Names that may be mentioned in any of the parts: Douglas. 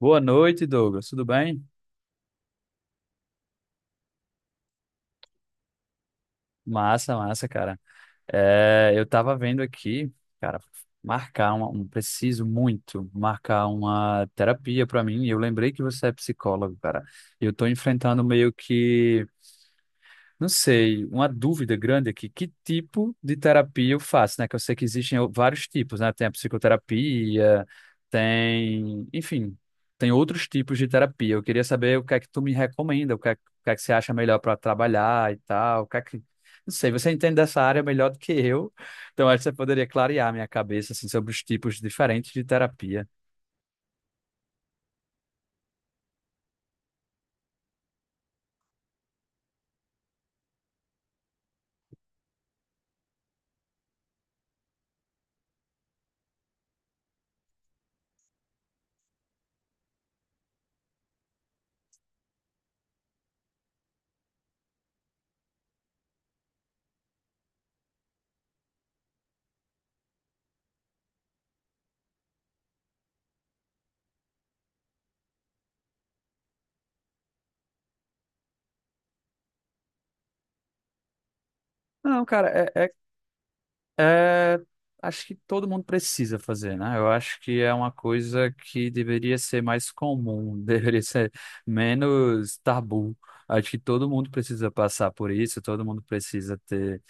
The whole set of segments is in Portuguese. Boa noite, Douglas. Tudo bem? Massa, massa, cara. Eu tava vendo aqui, cara, marcar preciso muito marcar uma terapia pra mim. E eu lembrei que você é psicólogo, cara. E eu tô enfrentando meio que, não sei, uma dúvida grande aqui, que tipo de terapia eu faço, né? Que eu sei que existem vários tipos, né? Tem a psicoterapia, tem, enfim, tem outros tipos de terapia. Eu queria saber o que é que tu me recomenda, o que é que você acha melhor para trabalhar e tal, o que é que... Não sei, você entende dessa área melhor do que eu, então acho que você poderia clarear minha cabeça, assim, sobre os tipos diferentes de terapia. Não, cara, é, é, acho que todo mundo precisa fazer, né? Eu acho que é uma coisa que deveria ser mais comum, deveria ser menos tabu. Acho que todo mundo precisa passar por isso, todo mundo precisa ter,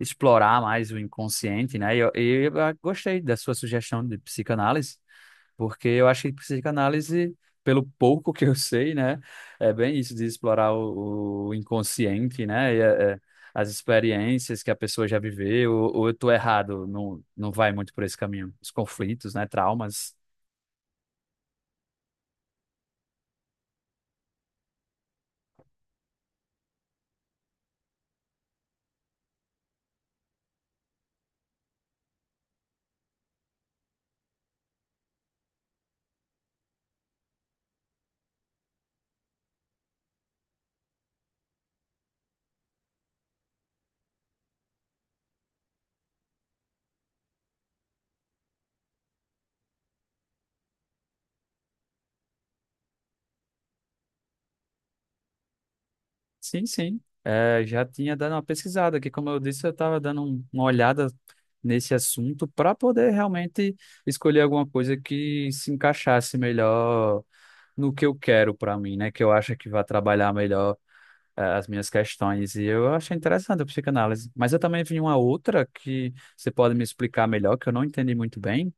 explorar mais o inconsciente, né? E eu gostei da sua sugestão de psicanálise, porque eu acho que psicanálise, pelo pouco que eu sei, né, é bem isso de explorar o inconsciente, né, e as experiências que a pessoa já viveu, ou eu tô errado, não, não vai muito por esse caminho, os conflitos, né, traumas. Sim, sim, é, já tinha dado uma pesquisada, que como eu disse, eu estava dando uma olhada nesse assunto para poder realmente escolher alguma coisa que se encaixasse melhor no que eu quero para mim, né, que eu acho que vai trabalhar melhor as minhas questões. E eu achei interessante a psicanálise. Mas eu também vi uma outra que você pode me explicar melhor, que eu não entendi muito bem,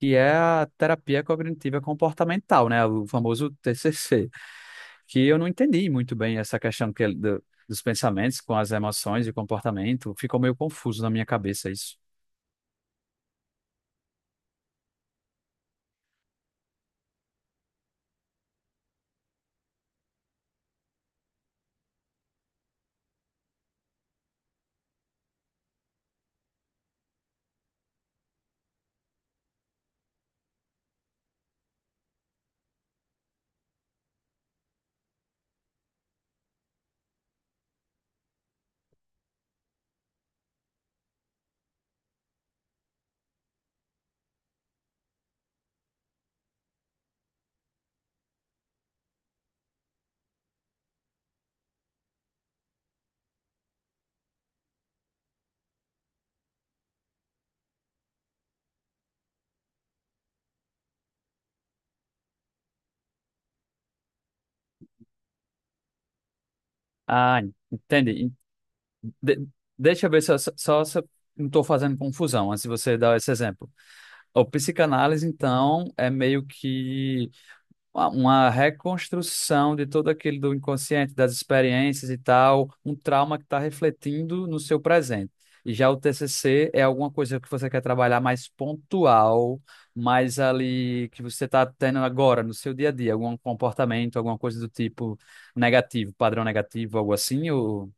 que é a terapia cognitiva comportamental, né? O famoso TCC, que eu não entendi muito bem essa questão dos pensamentos com as emoções e comportamento. Ficou meio confuso na minha cabeça isso. Ah, entendi. De- deixa eu ver se eu, só se eu não estou fazendo confusão antes de você dar esse exemplo. O psicanálise, então, é meio que uma reconstrução de todo aquele do inconsciente, das experiências e tal, um trauma que está refletindo no seu presente. E já o TCC é alguma coisa que você quer trabalhar mais pontual, mais ali que você está tendo agora no seu dia a dia, algum comportamento, alguma coisa do tipo negativo, padrão negativo, algo assim, ou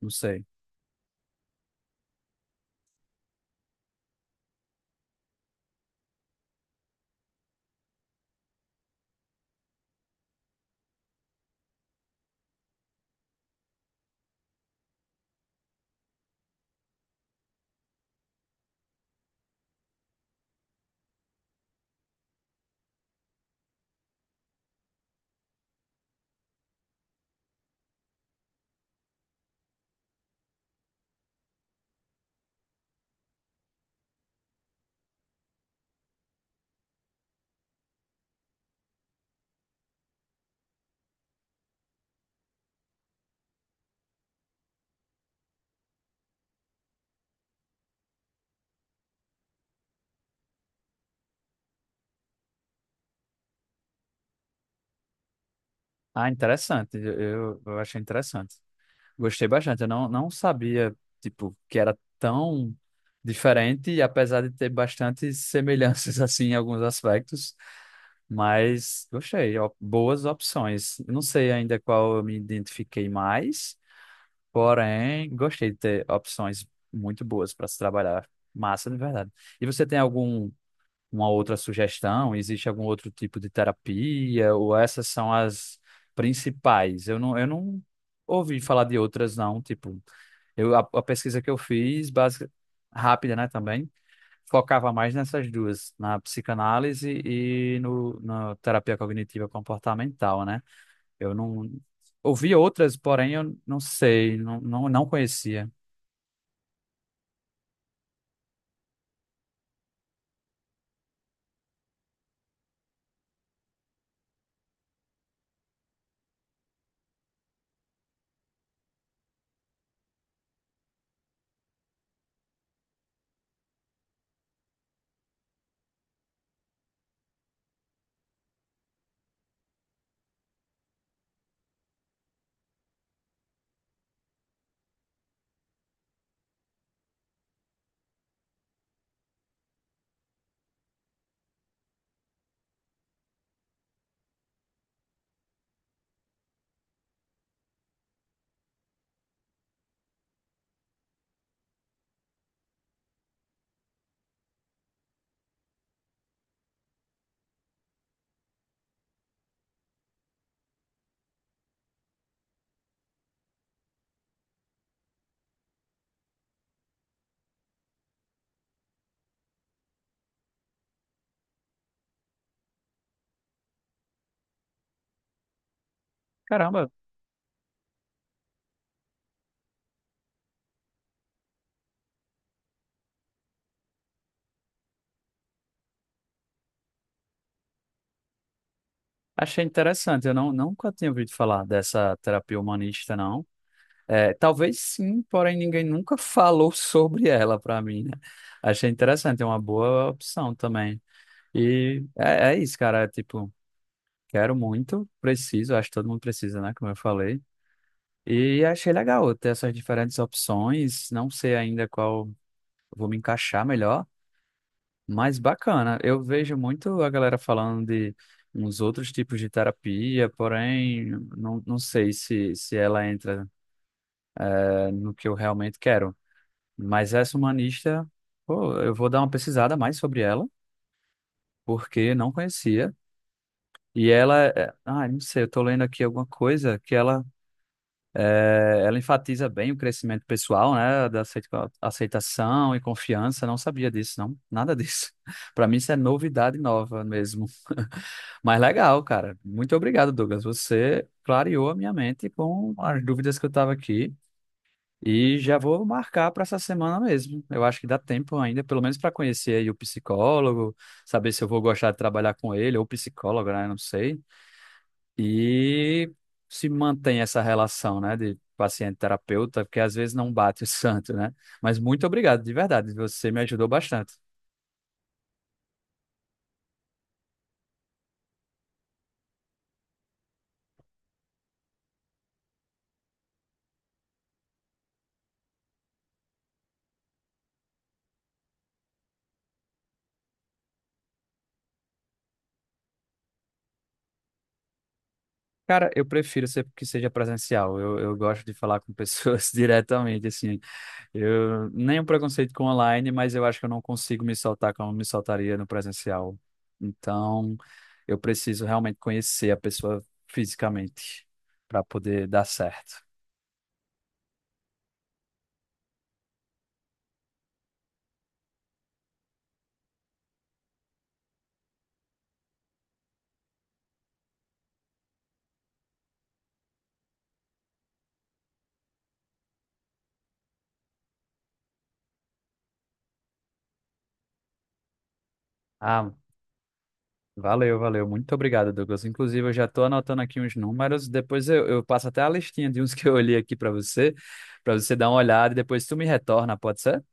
não sei. Ah, interessante. Eu achei interessante. Gostei bastante. Eu não, não sabia, tipo, que era tão diferente, e apesar de ter bastante semelhanças, assim, em alguns aspectos, mas gostei. Ó, boas opções. Eu não sei ainda qual eu me identifiquei mais, porém, gostei de ter opções muito boas para se trabalhar. Massa, de verdade. E você tem algum, uma outra sugestão? Existe algum outro tipo de terapia? Ou essas são as principais? Eu não ouvi falar de outras, não, tipo. A pesquisa que eu fiz, básica, rápida, né, também, focava mais nessas duas, na psicanálise e no, na terapia cognitiva comportamental, né? Eu não ouvi outras, porém eu não sei, não conhecia. Caramba, achei interessante. Eu não, nunca tinha ouvido falar dessa terapia humanista, não. É, talvez sim, porém ninguém nunca falou sobre ela para mim, né? Achei interessante, é uma boa opção também. E é, é isso, cara, é tipo, quero muito, preciso, acho que todo mundo precisa, né? Como eu falei. E achei legal ter essas diferentes opções. Não sei ainda qual vou me encaixar melhor, mas bacana. Eu vejo muito a galera falando de uns outros tipos de terapia, porém, não, não sei se ela entra no que eu realmente quero. Mas essa humanista, pô, eu vou dar uma pesquisada mais sobre ela, porque não conhecia. E ela, não sei, eu tô lendo aqui alguma coisa que ela, é, ela enfatiza bem o crescimento pessoal, né, da aceitação e confiança. Não sabia disso, não, nada disso. Para mim isso é novidade nova mesmo. Mas legal, cara. Muito obrigado, Douglas. Você clareou a minha mente com as dúvidas que eu estava aqui e já vou marcar para essa semana mesmo. Eu acho que dá tempo ainda, pelo menos para conhecer aí o psicólogo, saber se eu vou gostar de trabalhar com ele ou psicólogo, né? Não sei. E se mantém essa relação, né, de paciente-terapeuta, porque às vezes não bate o santo, né? Mas muito obrigado, de verdade, você me ajudou bastante. Cara, que seja presencial. Eu gosto de falar com pessoas diretamente, assim. Eu nenhum preconceito com online, mas eu acho que eu não consigo me soltar como me soltaria no presencial. Então, eu preciso realmente conhecer a pessoa fisicamente para poder dar certo. Ah, valeu, valeu. Muito obrigado, Douglas. Inclusive, eu já estou anotando aqui uns números. Depois eu passo até a listinha de uns que eu olhei aqui para você dar uma olhada e depois tu me retorna, pode ser?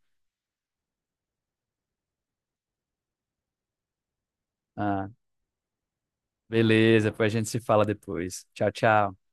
Ah, beleza, depois a gente se fala depois. Tchau, tchau.